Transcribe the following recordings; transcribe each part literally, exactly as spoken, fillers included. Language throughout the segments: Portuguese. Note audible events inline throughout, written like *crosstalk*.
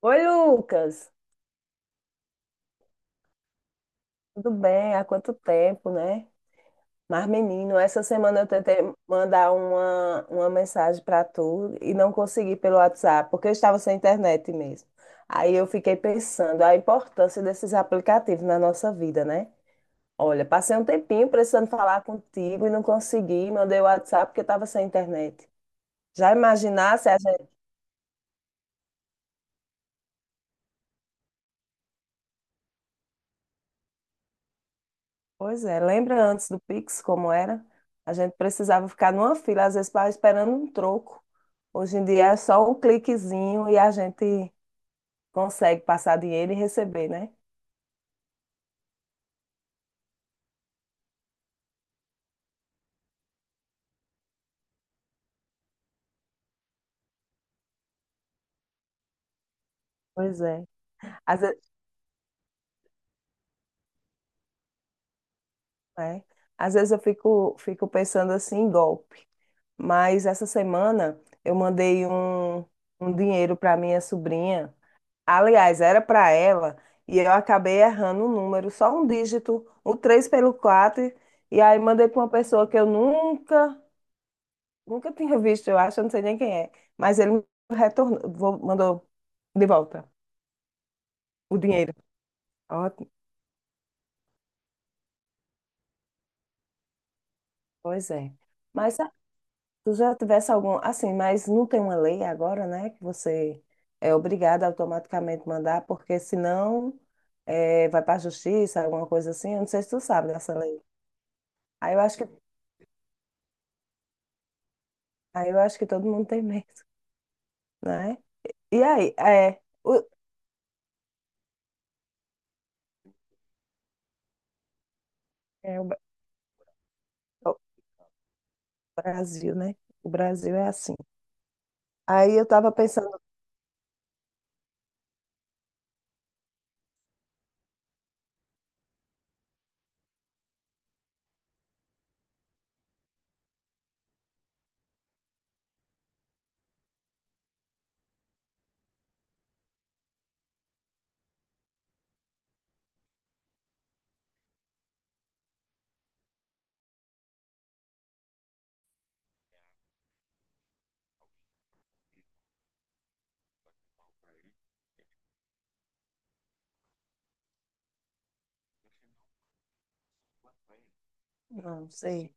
Oi, Lucas. Tudo bem? Há quanto tempo, né? Mas, menino, essa semana eu tentei mandar uma, uma mensagem para tu e não consegui pelo WhatsApp, porque eu estava sem internet mesmo. Aí eu fiquei pensando a importância desses aplicativos na nossa vida, né? Olha, passei um tempinho precisando falar contigo e não consegui, mandei o WhatsApp porque eu estava sem internet. Já imaginasse a gente. Pois é, lembra antes do Pix como era? A gente precisava ficar numa fila, às vezes para esperando um troco. Hoje em dia é só um cliquezinho e a gente consegue passar dinheiro e receber, né? Pois é. Às vezes, é. Às vezes eu fico, fico pensando assim em golpe. Mas essa semana eu mandei um, um dinheiro para minha sobrinha. Aliás, era para ela, e eu acabei errando o número, só um dígito, o três pelo quatro. E aí mandei para uma pessoa que eu nunca, nunca tinha visto, eu acho, eu não sei nem quem é. Mas ele me retornou, vo- mandou de volta o dinheiro. Ótimo, pois é. Mas se tu já tivesse algum, assim, mas não tem uma lei agora, né, que você é obrigado a automaticamente mandar, porque senão eh, vai para a justiça, alguma coisa assim. Eu não sei se tu sabe dessa lei. Aí eu acho que Aí eu acho que todo mundo tem medo, né? E aí, é, o, é o, Ba- o Brasil, né? O Brasil é assim. Aí eu tava pensando, não, não sei,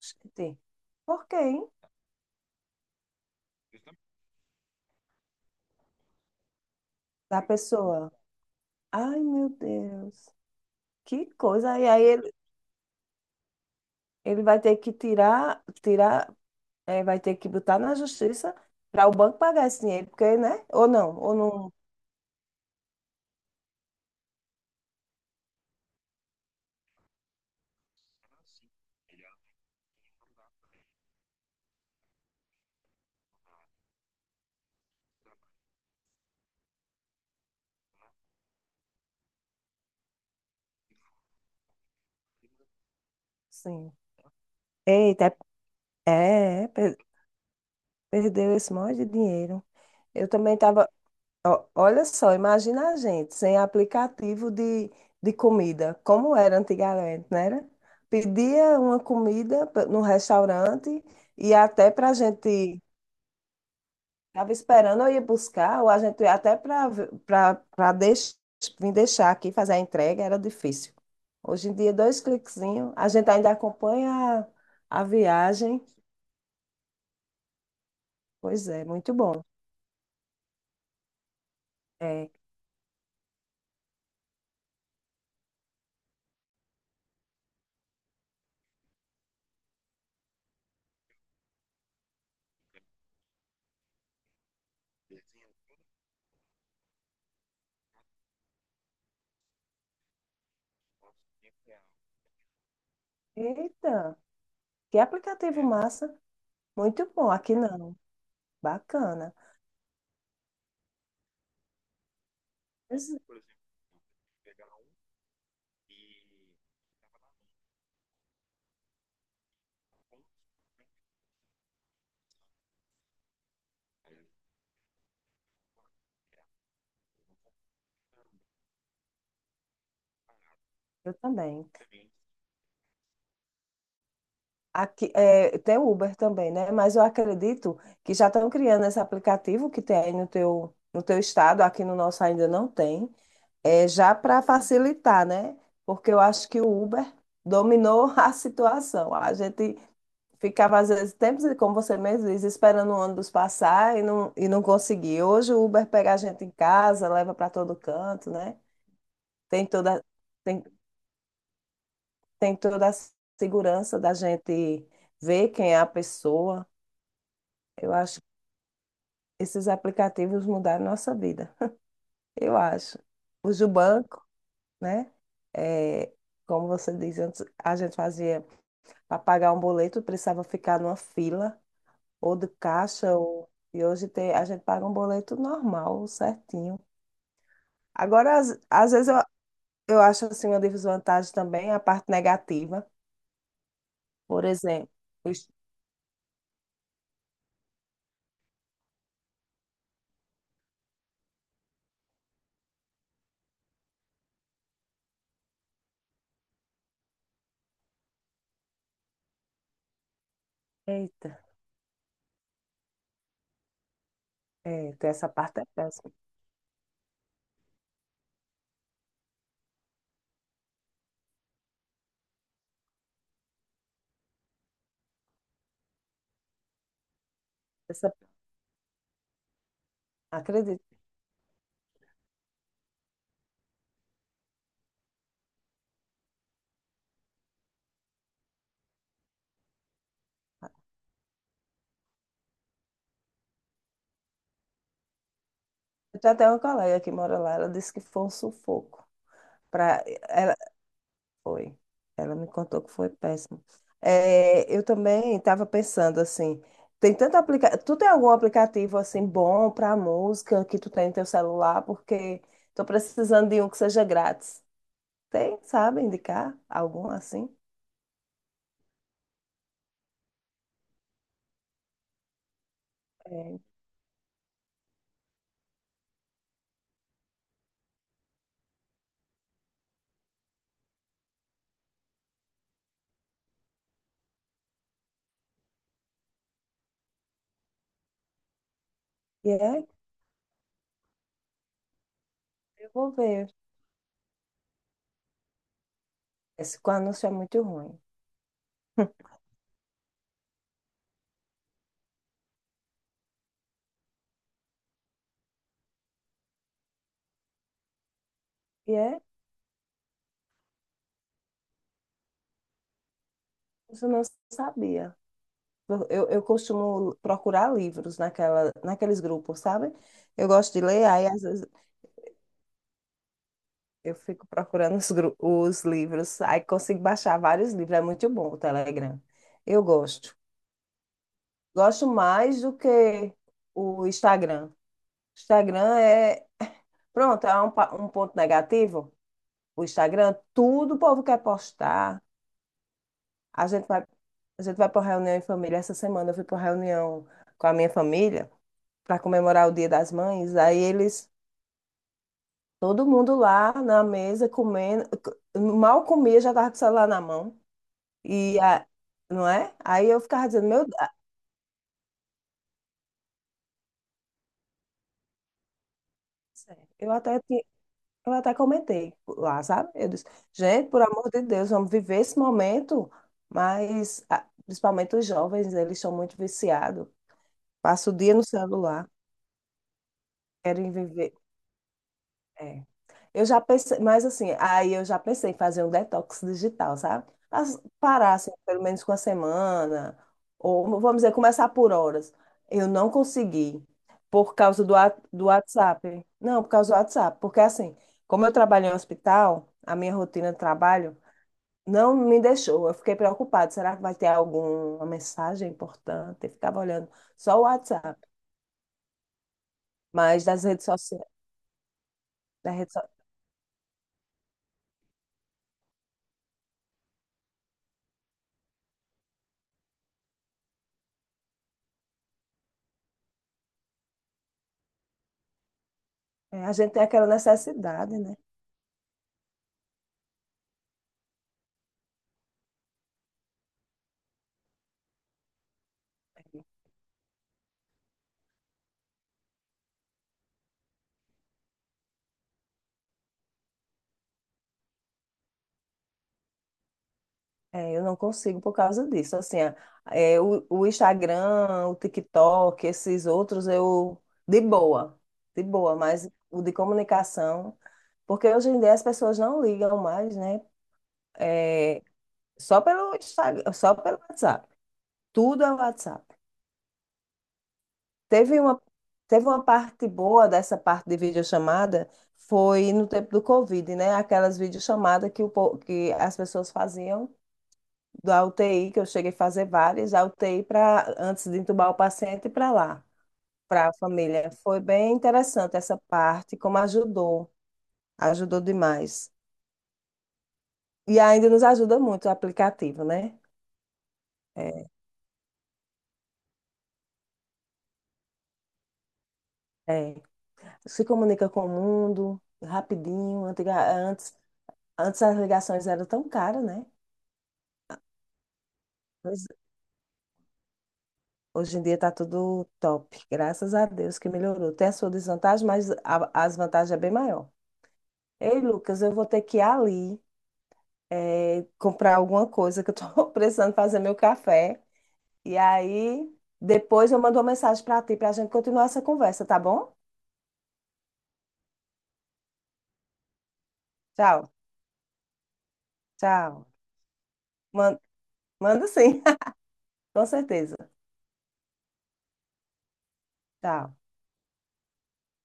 acho que tem. Por quê, hein? Da pessoa. Ai, meu Deus, que coisa. E aí ele, ele vai ter que tirar, tirar, é, vai ter que botar na justiça para o banco pagar esse dinheiro, porque, né? Ou não, ou não, sim. Eita, é, é, per- perdeu esse monte de dinheiro. Eu também estava. Ó, olha só, imagina a gente sem aplicativo de, de comida, como era antigamente, não era? Pedia uma comida p- no restaurante e até para a gente, estava esperando eu ir buscar, ou a gente ia até para para deix, vir deixar aqui, fazer a entrega, era difícil. Hoje em dia, dois cliquezinhos, a gente ainda acompanha a, a viagem. Pois é, muito bom. É. Eita, que aplicativo massa! Muito bom, aqui não. Bacana. Pois é, eu também. Aqui, é, tem o Uber também, né? Mas eu acredito que já estão criando esse aplicativo que tem aí no teu, no teu estado, aqui no nosso ainda não tem, é, já para facilitar, né? Porque eu acho que o Uber dominou *laughs* a situação. A gente ficava, às vezes, tempos, como você mesmo diz, esperando o ônibus passar e não, e não conseguia. Hoje o Uber pega a gente em casa, leva para todo canto, né? Tem toda, tem tem toda a segurança da gente ver quem é a pessoa. Eu acho que esses aplicativos mudaram nossa vida. *laughs* Eu acho. Usa o banco, né? É, como você diz, antes a gente fazia para pagar um boleto, precisava ficar numa fila, ou de caixa, ou... e hoje tem, a gente paga um boleto normal, certinho. Agora, às, às vezes, eu, eu acho assim uma desvantagem também a parte negativa. Por exemplo, os- eita, é, tem essa parte é péssima. Essa, acredito. Eu já tenho até uma colega que mora lá, ela disse que foi um sufoco. Pra, ela, foi. Ela me contou que foi péssimo. É, eu também estava pensando assim, tem tanto aplicativo. Tu tem algum aplicativo assim bom para música que tu tem no teu celular? Porque estou precisando de um que seja grátis. Tem, sabe, indicar algum assim? É. E é, eu vou ver. Esse com anúncio é muito ruim. *laughs* E é, isso eu não sabia. Eu, eu costumo procurar livros naquela, naqueles grupos, sabe? Eu gosto de ler, aí às vezes eu fico procurando os, gru- os livros, aí consigo baixar vários livros, é muito bom o Telegram. Eu gosto. Gosto mais do que o Instagram. Instagram é, pronto, é um, pa- um ponto negativo. O Instagram, tudo o povo quer postar. A gente vai, a gente vai para uma reunião em família. Essa semana eu fui para uma reunião com a minha família para comemorar o Dia das Mães, aí eles. Todo mundo lá na mesa comendo, mal comia, já tava com o celular na mão. E a- não é? Aí eu ficava dizendo, meu, Deus, eu até ti- eu até comentei lá, sabe? Eu disse, gente, por amor de Deus, vamos viver esse momento, mas ah, principalmente os jovens, eles são muito viciados. Passa o dia no celular, querem viver. É. Eu já pensei, mas assim, aí eu já pensei em fazer um detox digital, sabe? As- Parar, assim, pelo menos com a semana, ou vamos dizer, começar por horas. Eu não consegui, por causa do, wa- do WhatsApp. Não, por causa do WhatsApp, porque assim, como eu trabalho em hospital, a minha rotina de trabalho não me deixou. Eu fiquei preocupada, será que vai ter alguma mensagem importante? Eu ficava olhando só o WhatsApp, mas das redes sociais. É, a gente tem aquela necessidade, né? É, eu não consigo por causa disso. Assim, a- é, o, o Instagram, o TikTok, esses outros, eu de boa, de boa, mas o de comunicação, porque hoje em dia as pessoas não ligam mais, né? É, só pelo Instagram, só pelo WhatsApp. Tudo é WhatsApp. Teve uma, teve uma parte boa dessa parte de videochamada, foi no tempo do Covid, né? Aquelas videochamadas que, o, po- que as pessoas faziam da U T I, que eu cheguei a fazer várias, a U T I para antes de entubar o paciente para lá, para a família. Foi bem interessante essa parte, como ajudou, ajudou demais. E ainda nos ajuda muito o aplicativo, né? É, é, se comunica com o mundo rapidinho. Antiga- Antes, antes as ligações eram tão caras, né? Pois- Hoje em dia está tudo top. Graças a Deus que melhorou. Tem a sua desvantagem, mas a- as vantagens é bem maior. Ei, Lucas, eu vou ter que ir ali. É, comprar alguma coisa que eu tô *laughs* precisando fazer meu café. E aí, depois eu mando uma mensagem para ti para a gente continuar essa conversa, tá bom? Tchau, tchau. Man- Manda sim, *laughs* com certeza. Tchau.